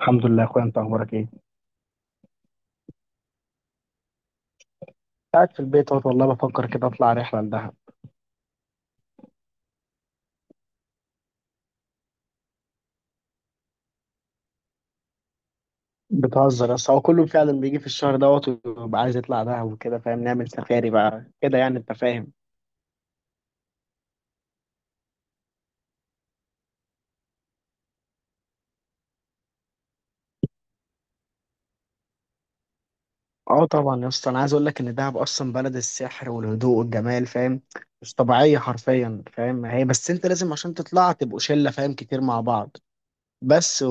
الحمد لله يا اخويا، انت اخبارك ايه؟ قاعد في البيت اهوت. والله بفكر كده اطلع رحله لدهب. بتهزر؟ بس هو كله فعلا بيجي في الشهر دوت ويبقى عايز يطلع دهب وكده، فاهم؟ نعمل سفاري بقى كده، يعني انت فاهم. اه طبعا يا اسطى، انا عايز اقول لك ان دهب اصلا بلد السحر والهدوء والجمال، فاهم؟ مش طبيعيه حرفيا، فاهم؟ هي بس انت لازم عشان تطلع تبقوا شله، فاهم، كتير مع بعض. بس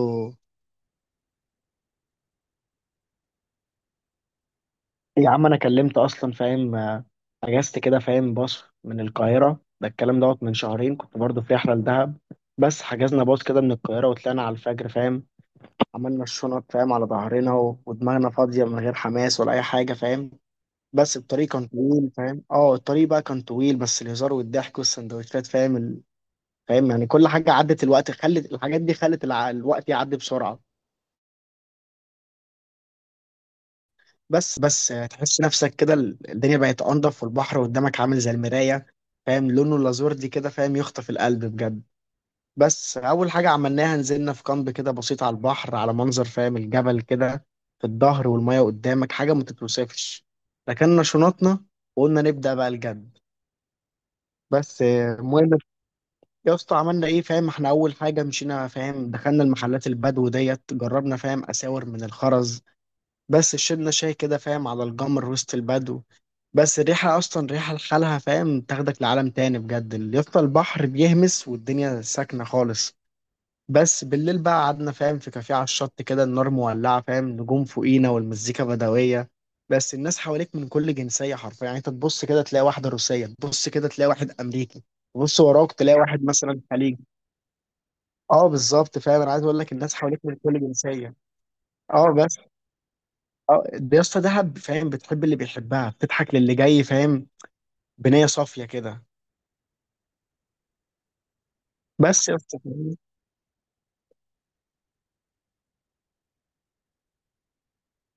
يا عم انا كلمت اصلا، فاهم، اجازت كده، فاهم، باص من القاهره. ده الكلام دوت من شهرين كنت برضو في رحله لدهب. بس حجزنا باص كده من القاهره وطلعنا على الفجر، فاهم. عملنا الشنط، فاهم، على ظهرنا و- ودماغنا فاضيه، من غير حماس ولا اي حاجه، فاهم. بس الطريق كان طويل، فاهم، اه الطريق بقى كان طويل، بس الهزار والضحك والسندوتشات، فاهم، فاهم يعني كل حاجه عدت، الوقت خلت الحاجات دي خلت الوقت يعدي بسرعه. بس تحس نفسك كده ال- الدنيا بقت انضف والبحر قدامك عامل زي المراية، فاهم، لونه اللازور دي كده، فاهم، يخطف القلب بجد. بس اول حاجة عملناها نزلنا في كامب كده بسيط، على البحر، على منظر، فاهم، الجبل كده في الظهر، والمية قدامك حاجة ما تتوصفش. ركننا شنطنا وقلنا نبدأ بقى الجد. بس المهم يا اسطى، عملنا ايه؟ فاهم احنا اول حاجة مشينا، فاهم، دخلنا المحلات البدو ديت، جربنا، فاهم، اساور من الخرز. بس شربنا شاي كده، فاهم، على الجمر وسط البدو. بس الريحة أصلا ريحة لحالها، فاهم، تاخدك لعالم تاني بجد، اللي يفضل البحر بيهمس والدنيا ساكنة خالص. بس بالليل بقى قعدنا، فاهم، في كافيه على الشط كده، النار مولعة، فاهم، نجوم فوقينا والمزيكا بدوية. بس الناس حواليك من كل جنسية، حرفيا يعني انت تبص كده تلاقي واحدة روسية، تبص كده تلاقي واحد أمريكي، تبص وراك تلاقي واحد مثلا خليجي. اه بالظبط، فاهم، انا عايز اقول لك الناس حواليك من كل جنسية. اه بس. اه ده يا اسطى دهب، فاهم، بتحب اللي بيحبها، بتضحك للي جاي، فاهم، بنية صافية كده. بس يا اسطى، فاهم؟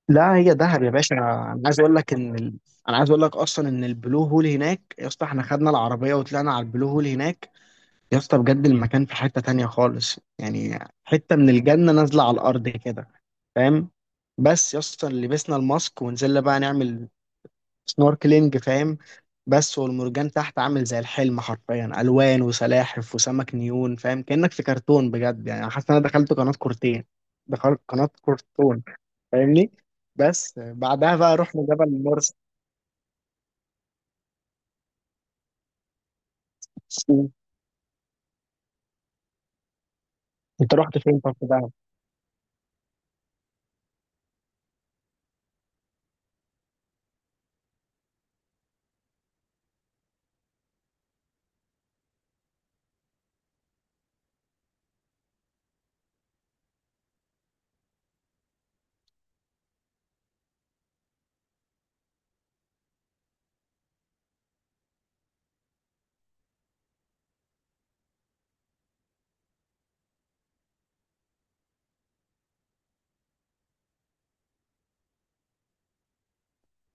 لا هي دهب يا باشا، انا عايز اقول لك ان انا عايز اقول لك اصلا ان البلو هول هناك يا اسطى، احنا خدنا العربية وطلعنا على البلو هول هناك. يا اسطى بجد المكان في حتة تانية خالص، يعني حتة من الجنة نازلة على الارض كده، فاهم. بس يا اسطى لبسنا الماسك ونزلنا بقى نعمل سنوركلينج، فاهم. بس والمرجان تحت عامل زي الحلم، حرفيا الوان وسلاحف وسمك نيون، فاهم، كانك في كرتون بجد، يعني أنا حاسس ان انا دخلت قناه كرتون، فاهمني. بس بعدها بقى رحنا جبل مرسى. انت رحت فين طب في دهب؟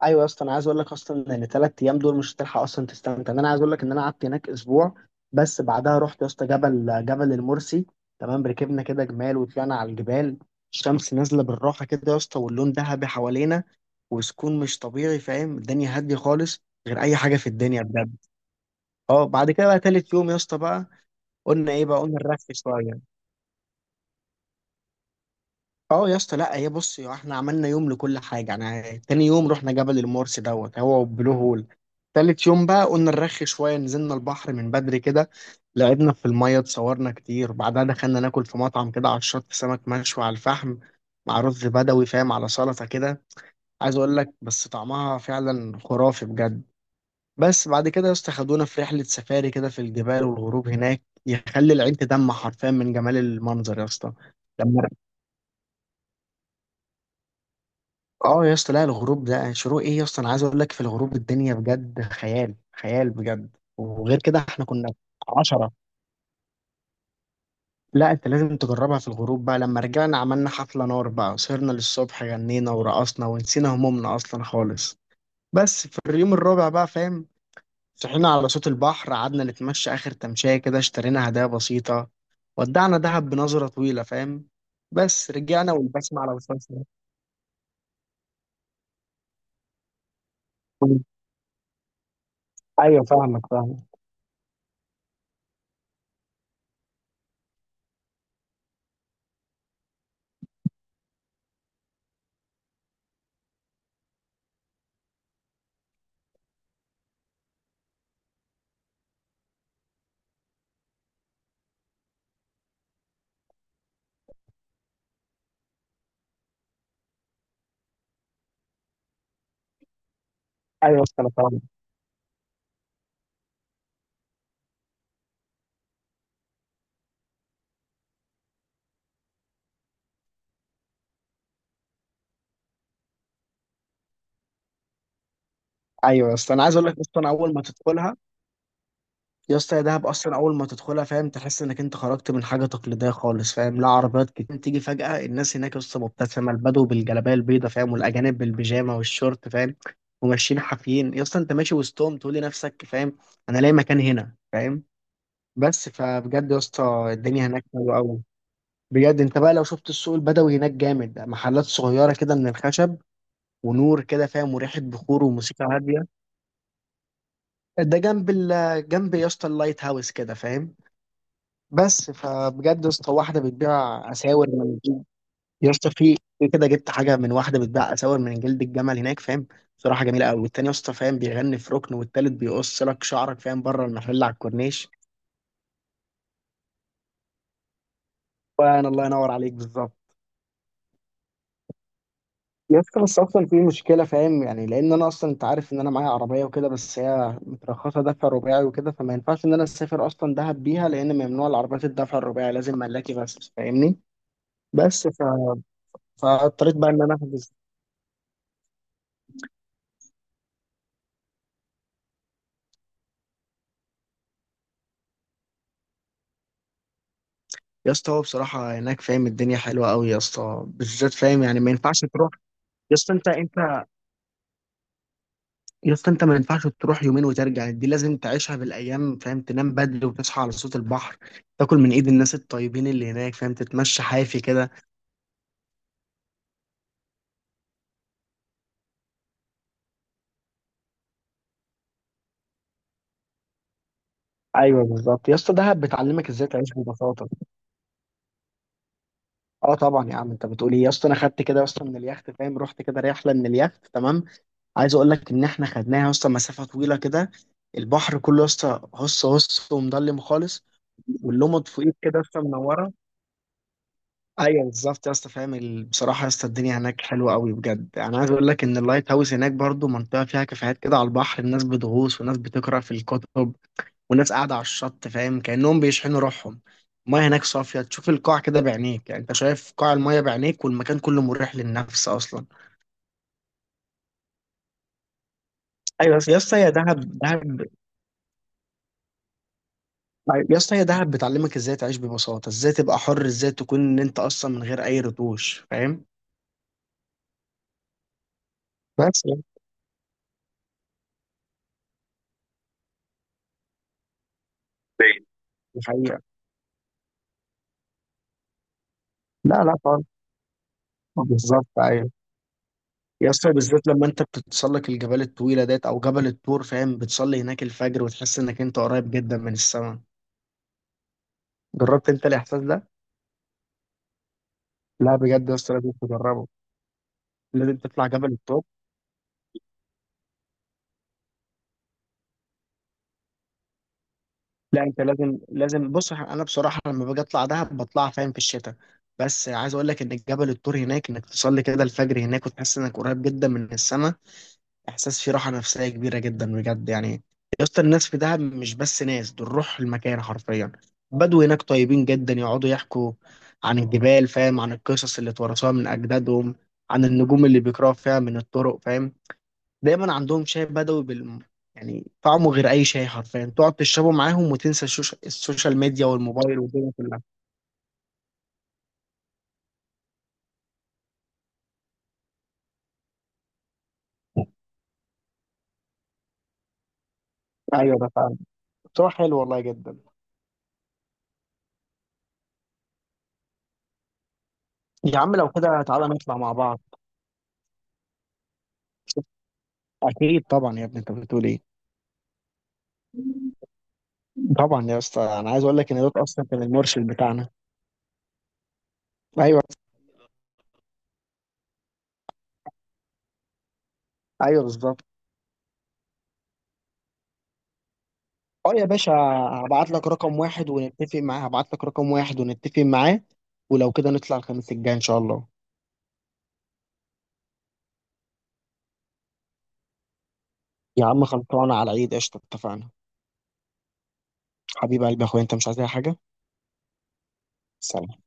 ايوه يا اسطى، انا عايز اقول لك اصلا ان 3 ايام دول مش هتلحق اصلا تستمتع، انا عايز اقول لك ان انا قعدت هناك اسبوع. بس بعدها رحت يا اسطى جبل المرسي. تمام، ركبنا كده جمال وطلعنا على الجبال. الشمس نازله بالراحه كده يا اسطى، واللون ذهبي حوالينا، وسكون مش طبيعي، فاهم، الدنيا هاديه خالص، غير اي حاجه في الدنيا بجد. اه بعد كده بقى تالت يوم يا اسطى بقى قلنا ايه بقى؟ قلنا نرخي شويه. اه يا اسطى لا هي بص، يا احنا عملنا يوم لكل حاجه، يعني تاني يوم رحنا جبل المورس دوت هو وبلو هول. تالت يوم بقى قلنا نرخي شويه، نزلنا البحر من بدري كده، لعبنا في الميه، اتصورنا كتير. بعدها دخلنا ناكل في مطعم كده على الشط، سمك مشوي على الفحم مع رز بدوي، فاهم، على سلطه كده. عايز اقول لك بس طعمها فعلا خرافي بجد. بس بعد كده يا اسطى خدونا في رحله سفاري كده في الجبال، والغروب هناك يخلي العين تدمع حرفيا من جمال المنظر يا اسطى. اه يا اسطى، لا الغروب ده، شروق ايه يا اسطى؟ انا عايز اقول لك في الغروب الدنيا بجد خيال، خيال بجد. وغير كده احنا كنا 10. لا انت لازم تجربها في الغروب بقى. لما رجعنا عملنا حفلة نار بقى، سهرنا للصبح، غنينا ورقصنا ونسينا همومنا اصلا خالص. بس في اليوم الرابع بقى، فاهم، صحينا على صوت البحر، قعدنا نتمشى اخر تمشية كده، اشترينا هدايا بسيطة، ودعنا دهب بنظرة طويلة، فاهم. بس رجعنا والبسمة على وشنا. ايوه، فاهمك فاهمك. ايوه. ايوه يا اسطى، انا عايز اقول لك اصلا اول ما تدخلها، يا اسطى يا دهب، اصلا اول ما تدخلها، فاهم، تحس انك انت خرجت من حاجه تقليديه خالص، فاهم، لا عربيات كتير تيجي فجاه، الناس هناك يا اسطى مبتسمه، البدو بالجلابيه البيضاء، فاهم، والاجانب بالبيجامه والشورت، فاهم، وماشيين حافيين يا اسطى، انت ماشي وسطهم تقول لنفسك، فاهم، انا لاقي مكان هنا، فاهم. بس فبجد يا اسطى الدنيا هناك حلوه قوي بجد. انت بقى لو شفت السوق البدوي هناك جامد، محلات صغيره كده من الخشب، ونور كده، فاهم، وريحه بخور، وموسيقى هاديه. ده جنب جنب يا اسطى اللايت هاوس كده، فاهم. بس فبجد يا اسطى واحده بتبيع اساور من جلد. يا اسطى في كده جبت حاجه من واحده بتبيع اساور من جلد الجمل هناك، فاهم، صراحه جميله قوي. والتاني يا اسطى، فاهم، بيغني في ركن، والتالت بيقص لك شعرك، فاهم، بره المحل على الكورنيش. وانا الله ينور عليك، بالظبط. يا اسطى بس اصلا في مشكله، فاهم، يعني لان انا اصلا، انت عارف ان انا معايا عربيه وكده، بس هي مترخصه دفع رباعي وكده، فما ينفعش ان انا اسافر اصلا دهب بيها، لان ممنوع العربيات الدفع الرباعي، لازم ملاكي بس، فاهمني. بس فاضطريت بقى ان انا احجز. يا اسطى هو بصراحه هناك، فاهم، الدنيا حلوه قوي يا اسطى، بالذات، فاهم يعني، ما ينفعش تروح. يا اسطى انت يا اسطى، انت ما ينفعش تروح يومين وترجع، دي لازم تعيشها بالايام، فاهم، تنام بدري وتصحى على صوت البحر، تاكل من ايد الناس الطيبين اللي هناك، فاهم، تتمشى حافي كده. ايوه بالظبط يا اسطى، دهب بتعلمك ازاي تعيش ببساطه. اه طبعا يا عم انت بتقول ايه؟ يا اسطى انا خدت كده يا اسطى من اليخت، فاهم، رحت كده رحله من اليخت. تمام. عايز اقول لك ان احنا خدناها يا اسطى مسافه طويله كده، البحر كله يا اسطى هص هص، ومضلم خالص، واللمض فوقيك كده يا اسطى منوره. ايوه بالظبط يا اسطى، فاهم بصراحه يا اسطى الدنيا هناك حلوه قوي بجد. انا عايز اقول لك ان اللايت هاوس هناك برضو منطقه فيها كافيهات كده على البحر، الناس بتغوص، وناس بتقرا في الكتب، وناس قاعده على الشط، فاهم، كانهم بيشحنوا روحهم. المايه هناك صافيه، تشوف القاع كده بعينيك، يعني انت شايف قاع المايه بعينيك، والمكان كله مريح للنفس اصلا. ايوه يا اسطى، يا دهب دهب. أيوة. يا اسطى هي دهب بتعلمك ازاي تعيش ببساطة، ازاي تبقى حر، ازاي تكون ان انت اصلا من غير اي رتوش، فاهم. بس يعني. طيب. دي حقيقة. لا لا خالص. بالظبط، ايوه. يا اسطى بالذات لما انت بتتسلق الجبال الطويلة ديت، او جبل الطور، فاهم، بتصلي هناك الفجر وتحس انك انت قريب جدا من السماء. جربت انت الاحساس ده؟ لا بجد يا اسطى لازم تجربه. لازم تطلع جبل الطور. لا انت لازم، لازم، بص انا بصراحه لما باجي اطلع دهب بطلع، فاهم، في الشتاء. بس عايز اقول لك ان جبل الطور هناك، انك تصلي كده الفجر هناك وتحس انك قريب جدا من السماء، احساس فيه راحه نفسيه كبيره جدا بجد يعني. يا اسطى الناس في دهب مش بس ناس، دول روح المكان حرفيا. بدو هناك طيبين جدا، يقعدوا يحكوا عن الجبال، فاهم، عن القصص اللي اتورثوها من اجدادهم، عن النجوم اللي بيقراوا فيها من الطرق، فاهم. دايما عندهم شاي بدوي بال، يعني طعمه غير اي شاي حرفيا، تقعد تشربه معاهم وتنسى السوشيال ميديا والموبايل والدنيا كلها. ايوه ده فعلا، بصراحه حلو والله جدا. يا عم لو كده تعالى نطلع مع بعض. اكيد طبعا يا ابني، انت بتقول ايه؟ طبعا يا اسطى، انا عايز اقول لك ان ده اصلا كان المرشد بتاعنا. ايوه ايوه بالظبط. اه يا باشا، هبعت لك رقم واحد ونتفق معاه، ولو كده نطلع الخميس الجاي ان شاء الله. يا عم خلصانه على العيد، قشطه، اتفقنا. حبيب قلبي يا اخويا، انت مش عايز اي حاجه؟ سلام.